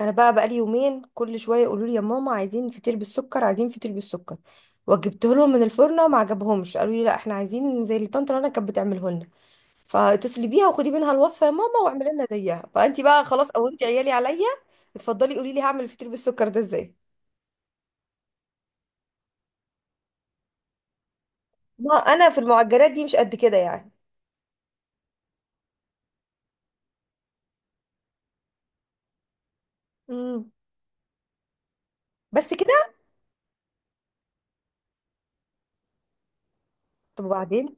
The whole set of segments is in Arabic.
انا بقى بقالي يومين، كل شويه يقولوا لي: يا ماما، عايزين فطير بالسكر، عايزين فطير بالسكر. وجبته لهم من الفرن ما عجبهمش، قالوا لي: لا، احنا عايزين زي اللي طنط رنا كانت بتعمله لنا، فاتصلي بيها وخدي منها الوصفه يا ماما، واعملي لنا زيها. فانت بقى خلاص قومتي عيالي عليا. اتفضلي قولي لي، هعمل الفطير بالسكر ده ازاي؟ ما انا في المعجنات دي مش قد كده يعني. امم. بس كده. طب وبعدين؟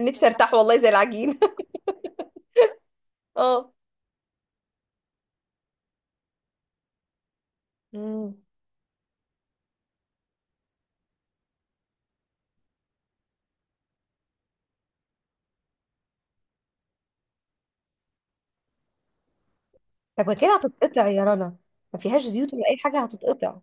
نفسي ارتاح والله زي العجين. اه. امم. طب ما كده هتتقطع يا رنا؟ ما فيهاش زيوت ولا اي حاجه، هتتقطع.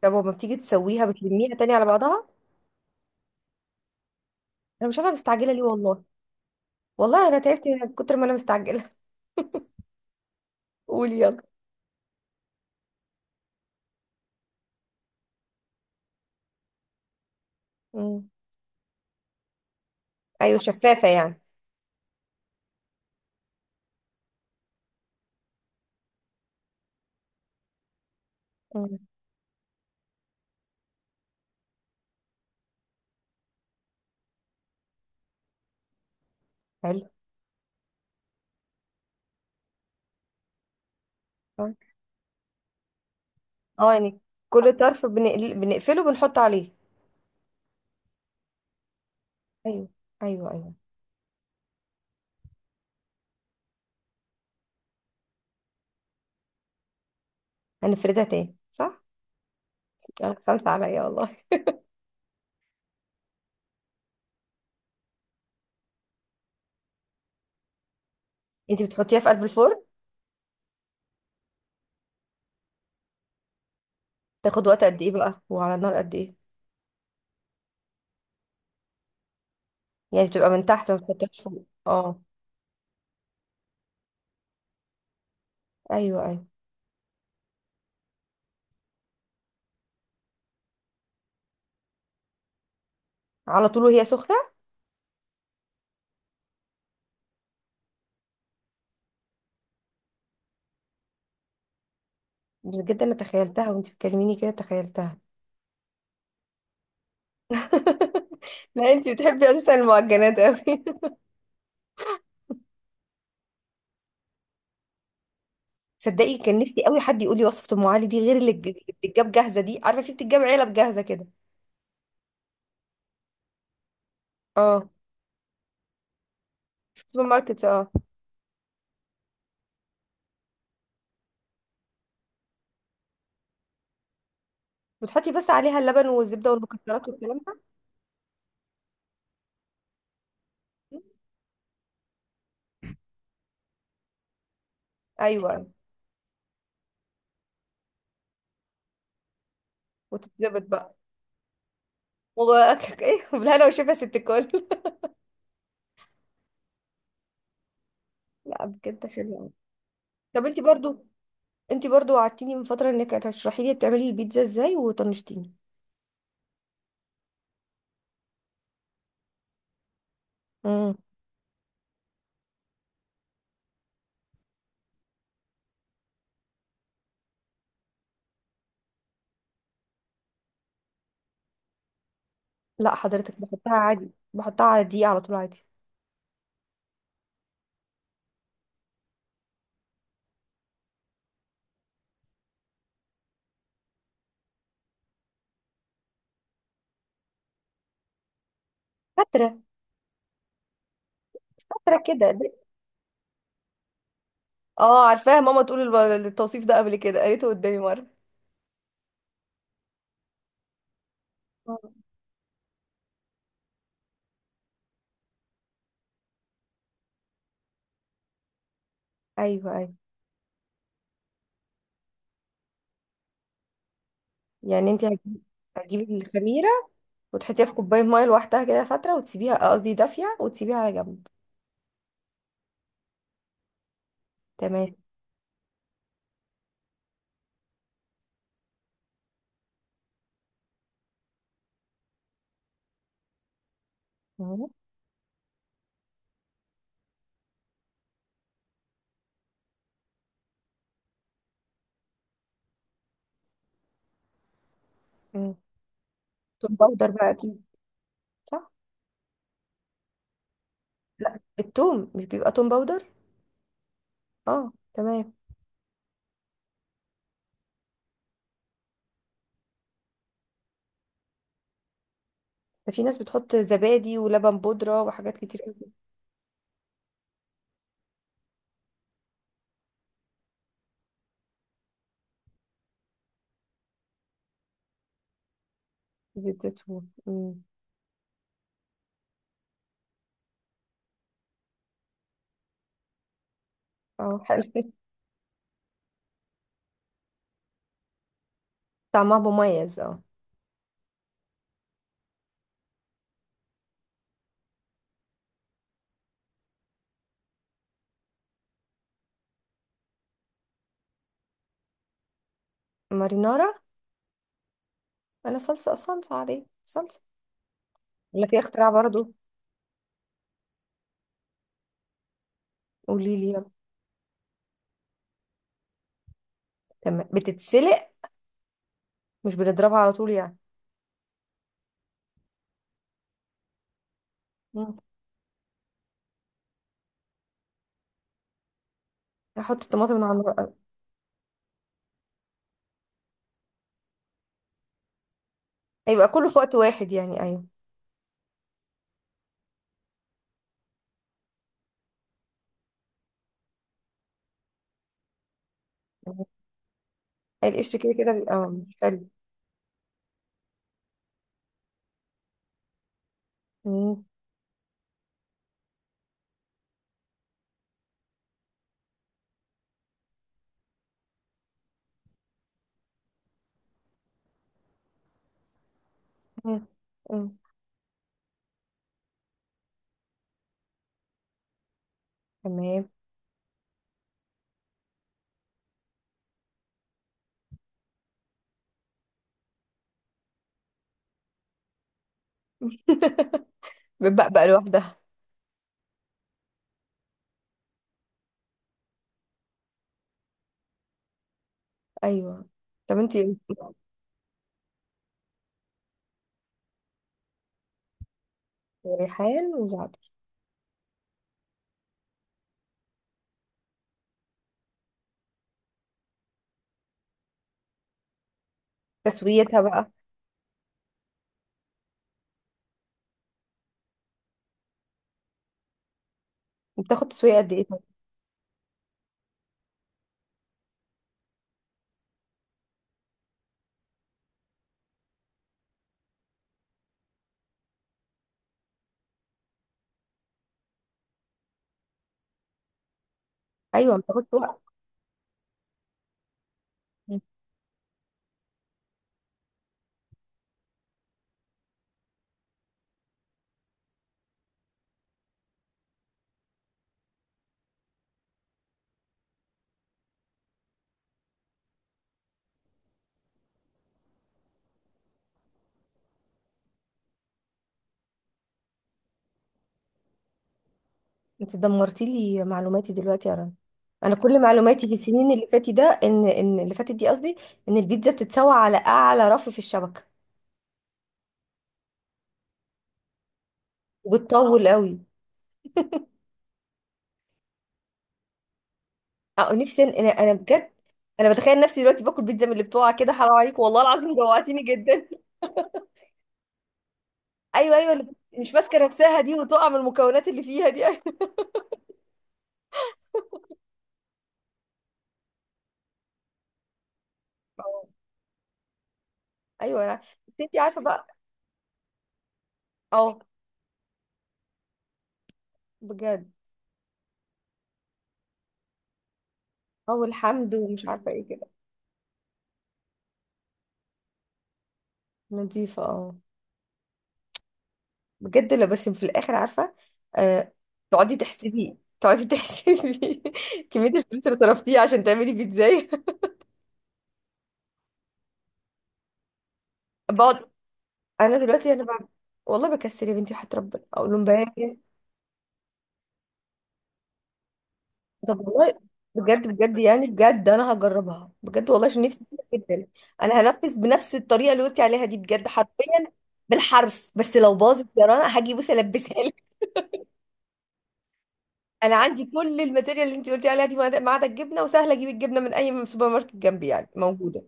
طب وما بتيجي تسويها بتلميها تاني على بعضها؟ انا مش عارفه مستعجله ليه والله. والله انا تعبت من كتر ما انا مستعجله. قولي يلا. مم. ايوه، شفافه يعني. مم. حلو. اه يعني، كل طرف بنقفله، بنحط عليه. ايوه. ايوه ايوه. هنفردها تاني صح؟ يلا خمسه عليا والله. انت بتحطيها في قلب الفرن؟ تاخد وقت قد ايه بقى؟ وعلى النار قد ايه؟ يعني بتبقى من تحت، ما بتحطهاش فوق، اه. ايوه ايوه. على طول وهي سخنه؟ بجد، انا تخيلتها وانت بتكلميني كده، تخيلتها. لا، انتي بتحبي اساسا المعجنات قوي. صدقي كان نفسي قوي حد يقول لي وصفة ام علي دي، غير اللي بتتجاب جاهزة دي، عارفة في بتتجاب علب جاهزة كده. اه. في السوبر ماركت، اه. وتحطي بس عليها اللبن والزبدة والمكسرات والكلام ده. ايوه. وتتظبط بقى. ايه، بالهنا والشفا يا ست الكل. لا بجد، حلوة قوي. طب انتي برضو، انتي برضو وعدتيني من فترة انك هتشرحي لي بتعملي البيتزا ازاي، وطنشتيني. امم. لا حضرتك، بحطها عادي، بحطها على الدقيقة على طول عادي. فترة. فترة كده. اه عارفاها، ماما تقول التوصيف ده قبل كده، قريته قدامي مرة. آه. ايوه ايوه. يعني انت هتجيبي هتجيبي الخميرة وتحطيها في كوباية مية لوحدها كده فترة، وتسيبيها قصدي دافية، وتسيبيها على جنب. تمام. مم. مم. توم باودر بقى اكيد، صح. لا، التوم مش بيبقى توم باودر. اه تمام. ده في ناس بتحط زبادي ولبن بودرة وحاجات كتير قوي. بتبقى. مم. اه حلو. طعمها مميز، اه. مارينارا. انا صلصة، صلصة عليه صلصة. ولا في اختراع برضو، قولي لي. تمام، بتتسلق. مش بنضربها على طول يعني. مم. احط الطماطم على النار أوي. هيبقى كله في وقت واحد يعني، ايوه. تمام. القشر كده كده بيبقى مش حلو. مم. مم. مم. تمام. بتبقى بقى لوحدها. ايوه، طب انت. ريحان وزعتر. تسويتها بقى. بتاخد تسويه قد ايه طب؟ ايوه، بتاخد وقت. مم. انت دمرتي لي معلوماتي دلوقتي يا رنا. انا كل معلوماتي في السنين اللي فاتت ده، ان، اللي فاتت دي قصدي، ان البيتزا بتتسوى على اعلى رف في الشبكه. وبتطول قوي. اه، نفسي انا بجد، انا بتخيل نفسي دلوقتي باكل بيتزا من اللي بتقع كده. حرام عليك والله العظيم، جوعتيني جدا. ايوه ايوه، اللي مش ماسكه نفسها دي، وتقع من المكونات اللي فيها دي. ايوه ايوه. بس انت عارفه بقى. اه بجد. اه، الحمد ومش عارفه ايه كده. نظيفه اه. بجد، لا بس في الاخر عارفه. آه. تقعدي تحسبي، تقعدي تحسبي. كميه الفلوس اللي صرفتيها عشان تعملي بيتزاية. بقعد. انا دلوقتي انا بقى، والله بكسل يا بنتي وحياة ربنا اقول لهم، بس. طب والله. بجد بجد يعني، بجد انا هجربها بجد والله عشان نفسي فيها جدا. انا هنفذ بنفس الطريقه اللي قلتي عليها دي بجد، حرفيا، بالحرف. بس لو باظت يا رنا، هاجي بص البسها لك. انا عندي كل الماتيريال اللي انت قلتي عليها دي، ما عدا الجبنه، وسهله اجيب الجبنه من اي سوبر ماركت جنبي يعني، موجوده.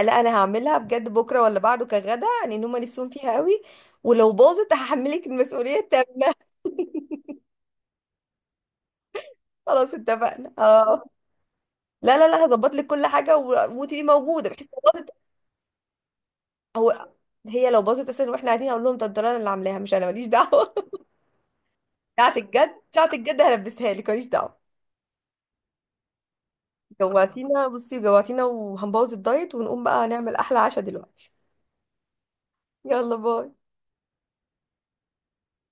لا، انا هعملها بجد بكره ولا بعده كغدا يعني، ان هم نفسهم فيها قوي. ولو باظت هحملك المسؤوليه التامه. خلاص اتفقنا، اه. لا لا لا، هظبط لك كل حاجه وتبقي موجوده بحيث. هو هي لو باظت اساسا واحنا قاعدين، هقول لهم ده الدرارة أنا اللي عاملاها، مش انا، ماليش دعوه. ساعه الجد، ساعه الجد هلبسها لك، ماليش دعوه. جوعتينا بصي، جوعتينا، وهنبوظ الدايت، ونقوم بقى نعمل احلى عشاء دلوقتي. يلا باي.